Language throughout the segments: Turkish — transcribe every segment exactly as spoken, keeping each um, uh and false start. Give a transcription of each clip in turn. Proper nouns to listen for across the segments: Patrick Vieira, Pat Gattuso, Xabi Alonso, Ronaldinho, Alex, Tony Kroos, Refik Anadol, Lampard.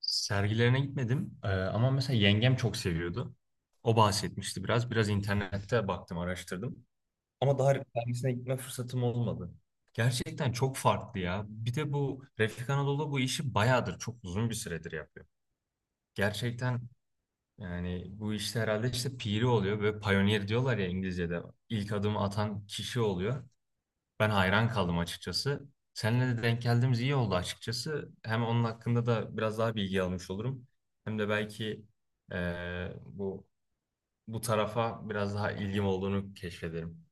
Sergilerine gitmedim. Ee, ama mesela yengem çok seviyordu. O bahsetmişti biraz. Biraz internette baktım, araştırdım. Ama daha sergisine gitme fırsatım olmadı. Gerçekten çok farklı ya. Bir de bu Refik Anadolu bu işi bayağıdır, çok uzun bir süredir yapıyor. Gerçekten yani bu işte herhalde işte piri oluyor. Böyle pioneer diyorlar ya İngilizce'de. İlk adımı atan kişi oluyor. Ben hayran kaldım açıkçası. Seninle de denk geldiğimiz iyi oldu açıkçası. Hem onun hakkında da biraz daha bilgi almış olurum. Hem de belki eee, bu bu tarafa biraz daha ilgim olduğunu keşfederim.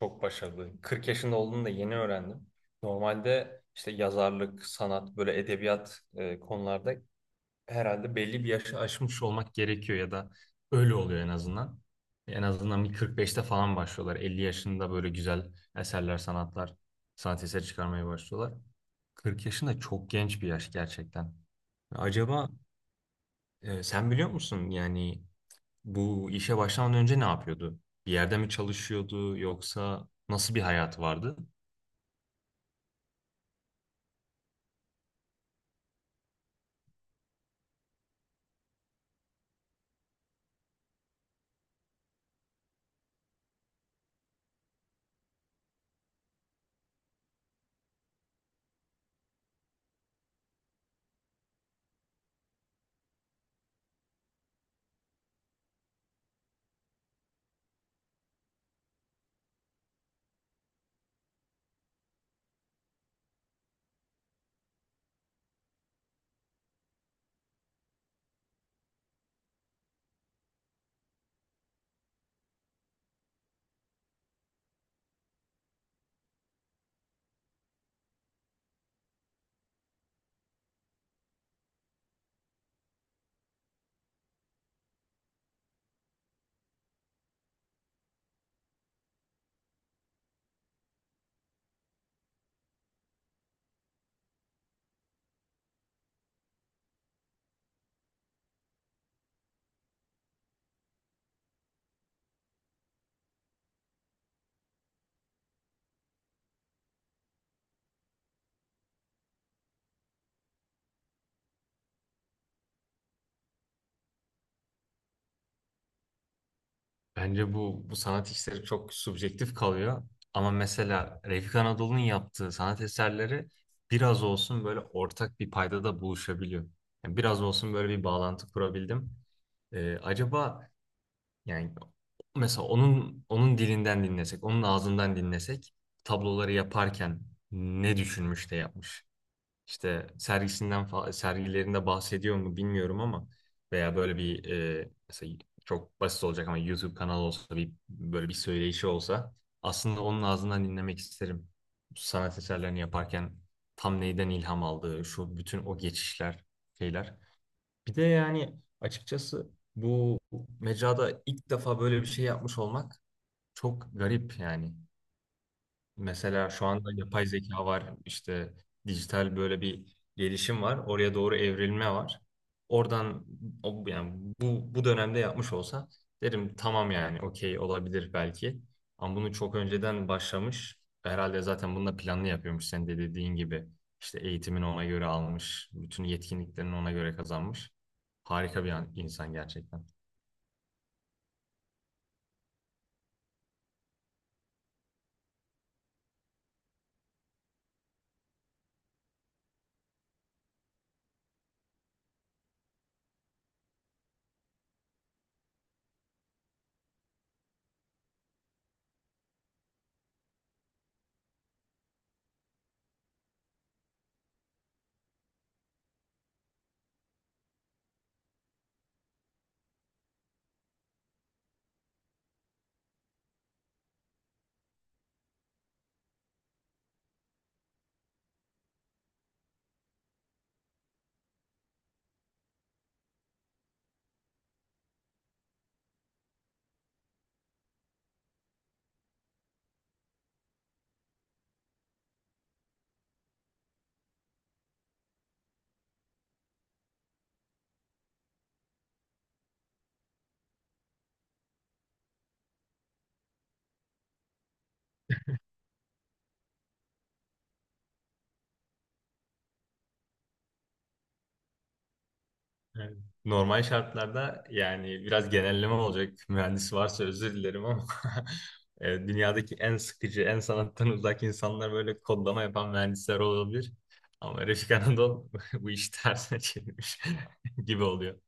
Çok başarılı. kırk yaşında olduğunu da yeni öğrendim. Normalde işte yazarlık, sanat, böyle edebiyat eee, konularda herhalde belli bir yaşı aşmış olmak gerekiyor ya da öyle oluyor en azından. En azından bir kırk beşte falan başlıyorlar. elli yaşında böyle güzel eserler, sanatlar, sanat eseri çıkarmaya başlıyorlar. kırk yaşında çok genç bir yaş gerçekten. Acaba e, sen biliyor musun yani bu işe başlamadan önce ne yapıyordu? Bir yerde mi çalışıyordu yoksa nasıl bir hayatı vardı? Bence bu, bu sanat işleri çok subjektif kalıyor. Ama mesela Refik Anadolu'nun yaptığı sanat eserleri biraz olsun böyle ortak bir paydada buluşabiliyor. Yani biraz olsun böyle bir bağlantı kurabildim. Ee, acaba yani mesela onun onun dilinden dinlesek, onun ağzından dinlesek tabloları yaparken ne düşünmüş de yapmış? İşte sergisinden fa- sergilerinde bahsediyor mu bilmiyorum ama veya böyle bir e, mesela çok basit olacak ama YouTube kanalı olsa bir böyle bir söyleyişi olsa aslında onun ağzından dinlemek isterim. Sanat eserlerini yaparken tam neyden ilham aldığı, şu bütün o geçişler, şeyler. Bir de yani açıkçası bu mecrada ilk defa böyle bir şey yapmış olmak çok garip yani. Mesela şu anda yapay zeka var, işte dijital böyle bir gelişim var, oraya doğru evrilme var. Oradan o- yani bu bu dönemde yapmış olsa derim tamam yani okey olabilir belki. Ama bunu çok önceden başlamış. Herhalde zaten bunu da planlı yapıyormuş sen de dediğin gibi. İşte eğitimini ona göre almış, bütün yetkinliklerini ona göre kazanmış. Harika bir an- insan gerçekten. Evet. Normal şartlarda yani biraz genelleme olacak. Mühendis varsa özür dilerim ama e, dünyadaki en sıkıcı, en sanattan uzak insanlar böyle kodlama yapan mühendisler olabilir. Ama Refik Anadol bu işi tersine çevirmiş gibi oluyor.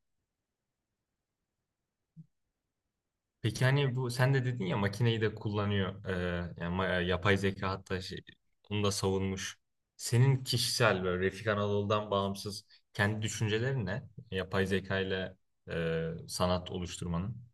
Peki hani bu sen de dedin ya makineyi de kullanıyor. E, yani ma- yapay zeka hatta şey, onu da savunmuş. Senin kişisel böyle Refik Anadol'dan bağımsız kendi düşüncelerin ne? Yapay zeka ile e, sanat oluşturmanın.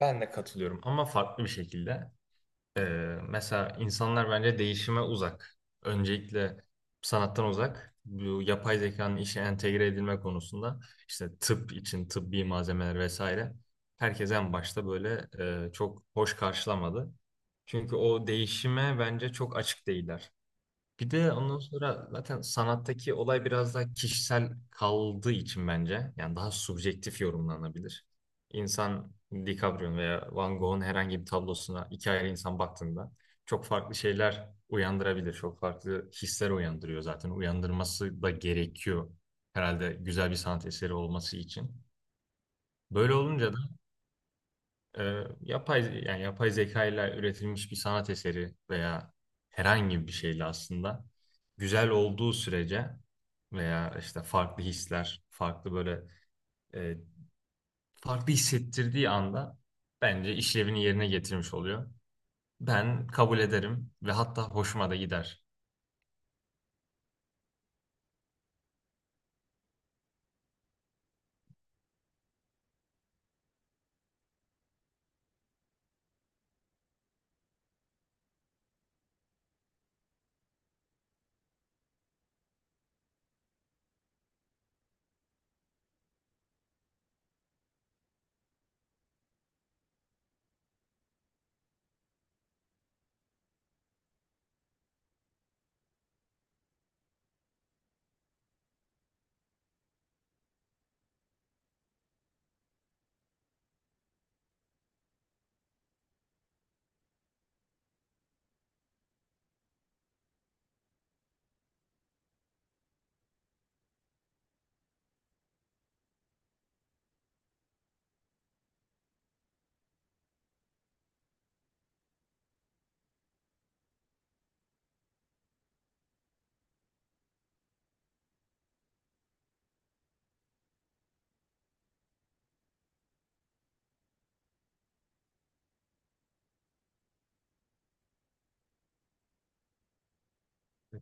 Ben de katılıyorum ama farklı bir şekilde. Ee, Mesela insanlar bence değişime uzak. Öncelikle sanattan uzak. Bu yapay zekanın işe entegre edilme konusunda işte tıp için tıbbi malzemeler vesaire. Herkes en başta böyle e, çok hoş karşılamadı. Çünkü o değişime bence çok açık değiller. Bir de ondan sonra zaten sanattaki olay biraz daha kişisel kaldığı için bence yani daha subjektif yorumlanabilir. İnsan DiCaprio'nun veya Van Gogh'un herhangi bir tablosuna iki ayrı insan baktığında çok farklı şeyler uyandırabilir. Çok farklı hisler uyandırıyor zaten. Uyandırması da gerekiyor herhalde güzel bir sanat eseri olması için. Böyle olunca da ee, yapay yani yapay zeka ile üretilmiş bir sanat eseri veya herhangi bir şeyle aslında güzel olduğu sürece veya işte farklı hisler, farklı böyle e, farklı hissettirdiği anda bence işlevini yerine getirmiş oluyor. Ben kabul ederim ve hatta hoşuma da gider.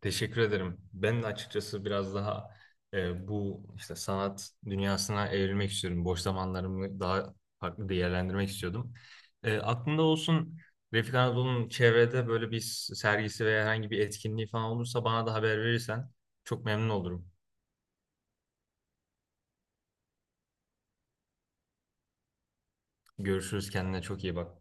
Teşekkür ederim. Ben de açıkçası biraz daha e, bu işte sanat dünyasına evrilmek istiyorum. Boş zamanlarımı daha farklı değerlendirmek istiyordum. E, aklımda olsun, Refik Anadolu'nun çevrede böyle bir sergisi veya herhangi bir etkinliği falan olursa bana da haber verirsen çok memnun olurum. Görüşürüz, kendine çok iyi bak.